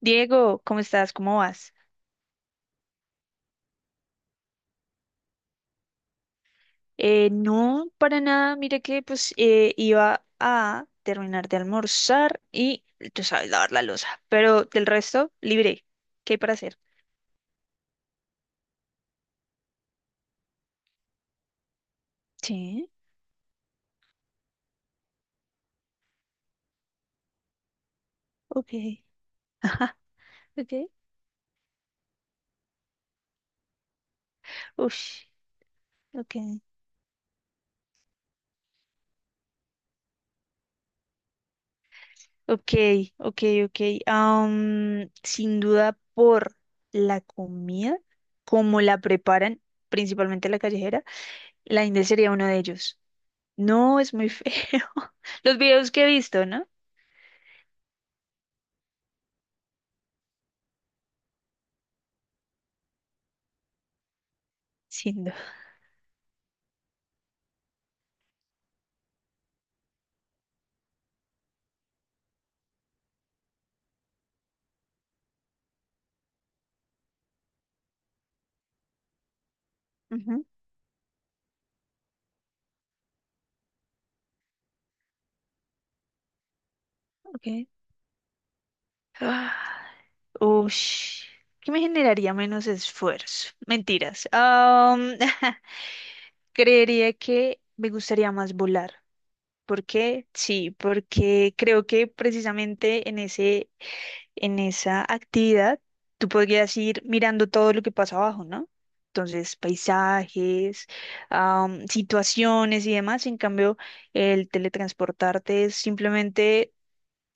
Diego, ¿cómo estás? ¿Cómo vas? No, para nada. Mira que pues iba a terminar de almorzar y tú sabes lavar la losa, pero del resto libre. ¿Qué hay para hacer? Sí, ok. Ajá. Okay. Ush, ok. Ok, ok, ok. Sin duda por la comida, como la preparan, principalmente la callejera, la India sería uno de ellos. No, es muy feo. Los videos que he visto, ¿no? Siendo. Ujú. Ok. Ah, ush. ¿Qué me generaría menos esfuerzo? Mentiras. Creería que me gustaría más volar. ¿Por qué? Sí, porque creo que precisamente en en esa actividad tú podrías ir mirando todo lo que pasa abajo, ¿no? Entonces, paisajes, situaciones y demás. En cambio, el teletransportarte es simplemente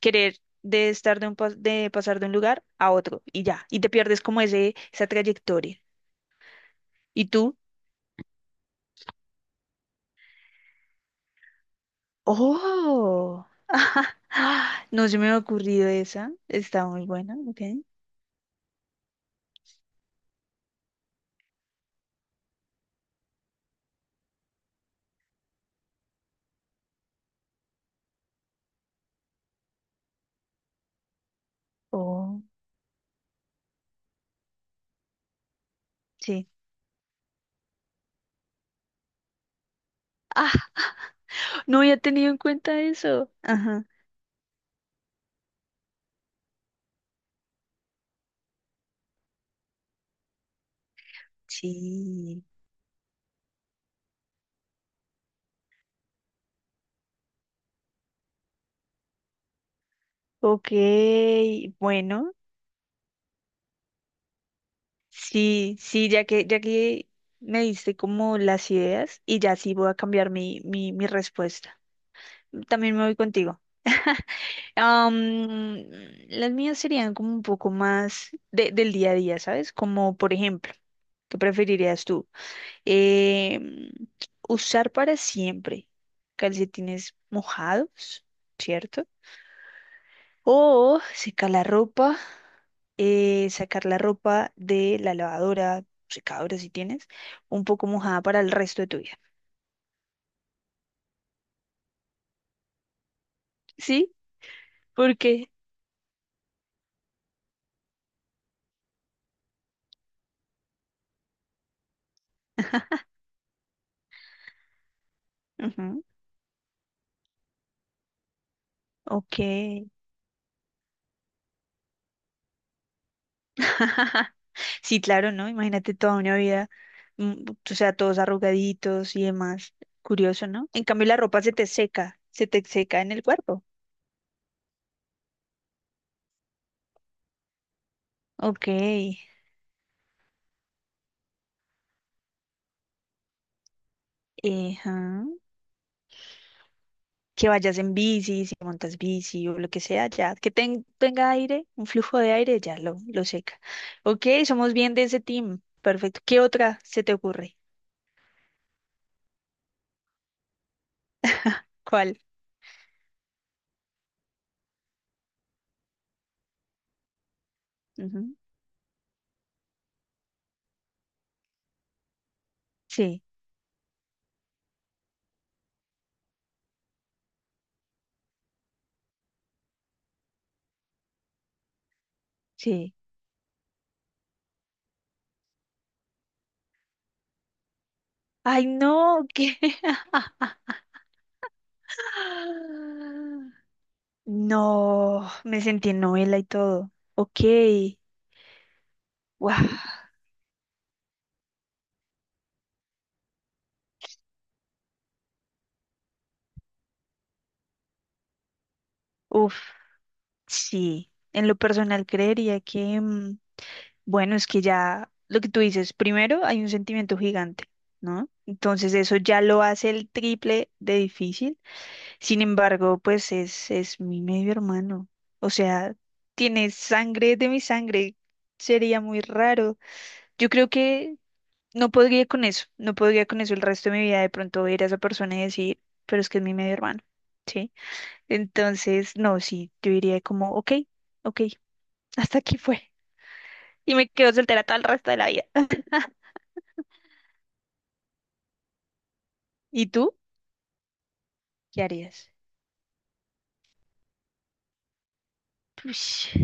querer de estar de, un de pasar de un lugar a otro y ya, y te pierdes como esa trayectoria. ¿Y tú? Oh, no se me ha ocurrido esa, está muy buena, ok. Oh, sí. No había tenido en cuenta eso. Ajá. Sí. Ok, bueno, sí, sí, ya que me diste como las ideas y ya sí voy a cambiar mi respuesta. También me voy contigo. Am, las mías serían como un poco más del día a día, ¿sabes? Como por ejemplo, ¿qué preferirías tú? Em, usar para siempre calcetines mojados, ¿cierto? O secar la ropa, sacar la ropa de la lavadora, secadora si tienes, un poco mojada para el resto de tu vida. ¿Sí? ¿Por qué? Ujú, ok. Sí, claro, ¿no? Imagínate toda una vida, mm, o sea, todos arrugaditos y demás. Curioso, ¿no? En cambio, la ropa se te seca en el cuerpo. Ok, ajá. Que vayas en bici, si montas bici o lo que sea, ya. Que tenga aire, un flujo de aire, ya lo seca. Ok, somos bien de ese team. Perfecto. ¿Qué otra se te ocurre? ¿Cuál? Ujú. Sí, sí. Ay, no, ¿qué? No, me sentí en novela y todo. Ok, guau, uf, sí. En lo personal creería que, mm, bueno, es que ya lo que tú dices, primero hay un sentimiento gigante, ¿no? Entonces eso ya lo hace el triple de difícil. Sin embargo, pues es mi medio hermano. O sea, tiene sangre de mi sangre. Sería muy raro. Yo creo que no podría con eso, no podría con eso el resto de mi vida de pronto ver a esa persona y decir, pero es que es mi medio hermano, ¿sí? Entonces, no, sí, yo diría como, ok, ok, hasta aquí fue. Y me quedo soltera todo el resto de la vida. ¿Y tú? ¿Qué harías? Ush,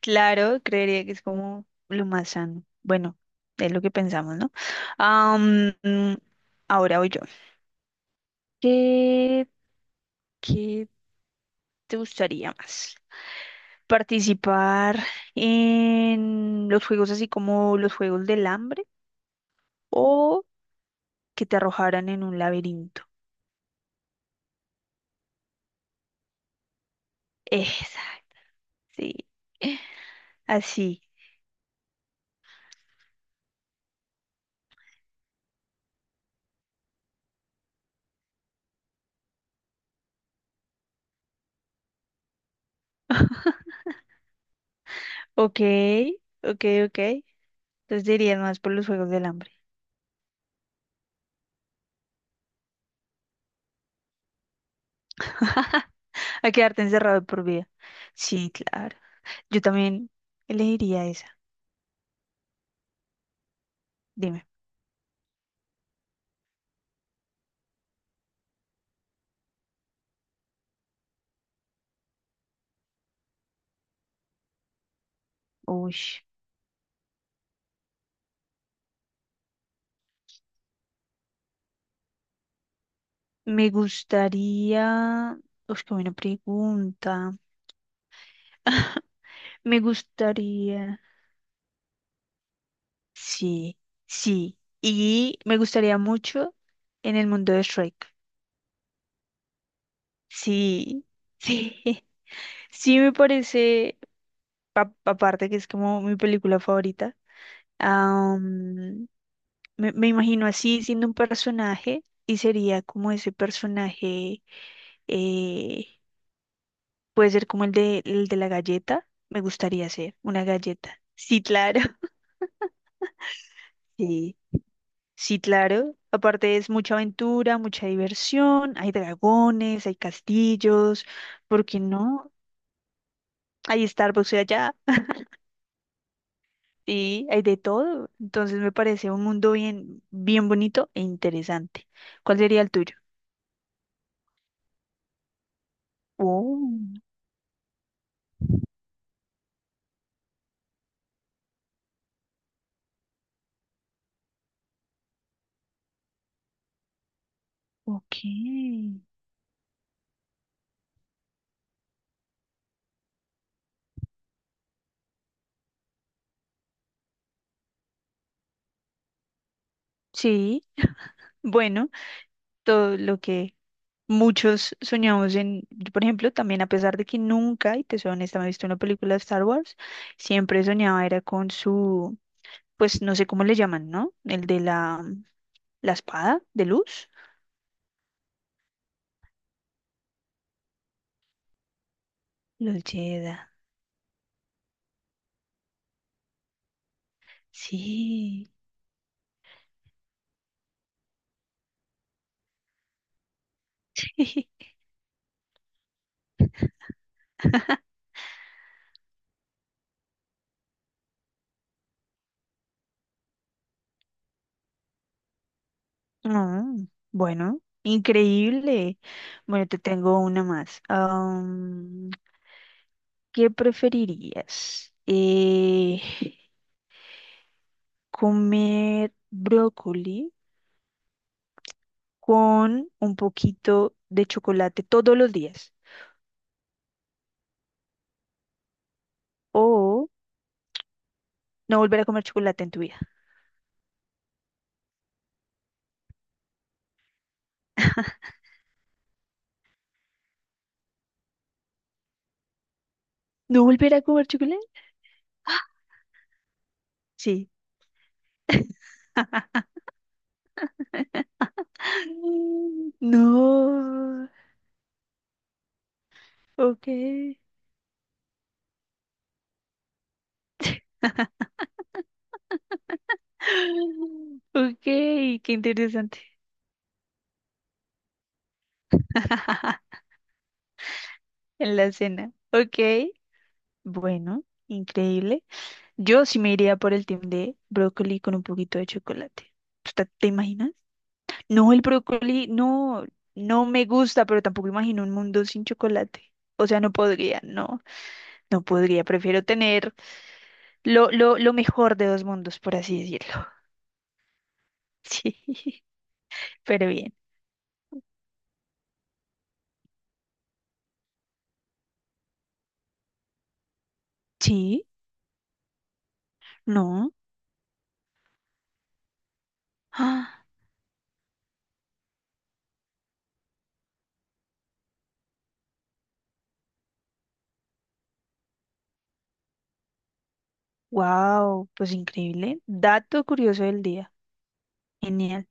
claro, creería que es como lo más sano. Bueno, es lo que pensamos, ¿no? Am, mm, ahora voy yo. ¿Qué, qué te gustaría más? Participar en los juegos así como los juegos del hambre o que te arrojaran en un laberinto. Exacto, sí. Así. Ok, ok, ok. Entonces dirías más por los juegos del hambre. A quedarte encerrado de por vida. Sí, claro. Yo también elegiría esa. Dime. Uy. Me gustaría. Uy, qué buena pregunta. Me gustaría. Sí, sí. Y me gustaría mucho en el mundo de Shrek. Sí, sí. Sí, me parece, aparte que es como mi película favorita, am, me imagino así siendo un personaje y sería como ese personaje, eh, puede ser como el el de la galleta. Me gustaría ser una galleta. Sí, claro. Sí. Sí, claro. Aparte es mucha aventura, mucha diversión, hay dragones, hay castillos, ¿por qué no? Hay Starbucks allá y hay de todo. Entonces me parece un mundo bien, bien bonito e interesante. ¿Cuál sería el tuyo? Oh, ok. Sí, bueno, todo lo que muchos soñamos en, yo, por ejemplo, también a pesar de que nunca, y te soy honesta, me he visto una película de Star Wars, siempre soñaba era con su pues no sé cómo le llaman, ¿no? El de la espada de luz. Los Jedi. Sí. No, bueno, increíble. Bueno, te tengo una más. ¿Qué preferirías? Comer brócoli con un poquito de chocolate todos los días o no volver a comer chocolate en tu vida. ¿No volver a comer chocolate? Sí. No, ok. Ok, qué interesante. En la cena. Ok, bueno, increíble. Yo sí me iría por el team de brócoli con un poquito de chocolate. ¿Tú te imaginas? No, el brócoli, no, no me gusta, pero tampoco imagino un mundo sin chocolate. O sea, no podría, no, no podría. Prefiero tener lo mejor de dos mundos, por así decirlo. Sí, pero bien. Sí, no. Wow, pues increíble. Dato curioso del día. Genial.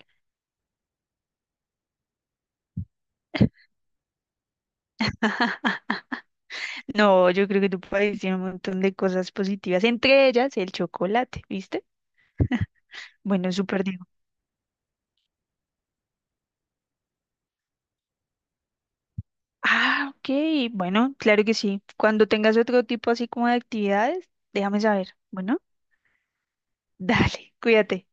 No, yo creo que tu país tiene un montón de cosas positivas, entre ellas el chocolate, ¿viste? Bueno, súper digo. Ah, ok. Bueno, claro que sí. Cuando tengas otro tipo así como de actividades, déjame saber. Bueno, dale, cuídate.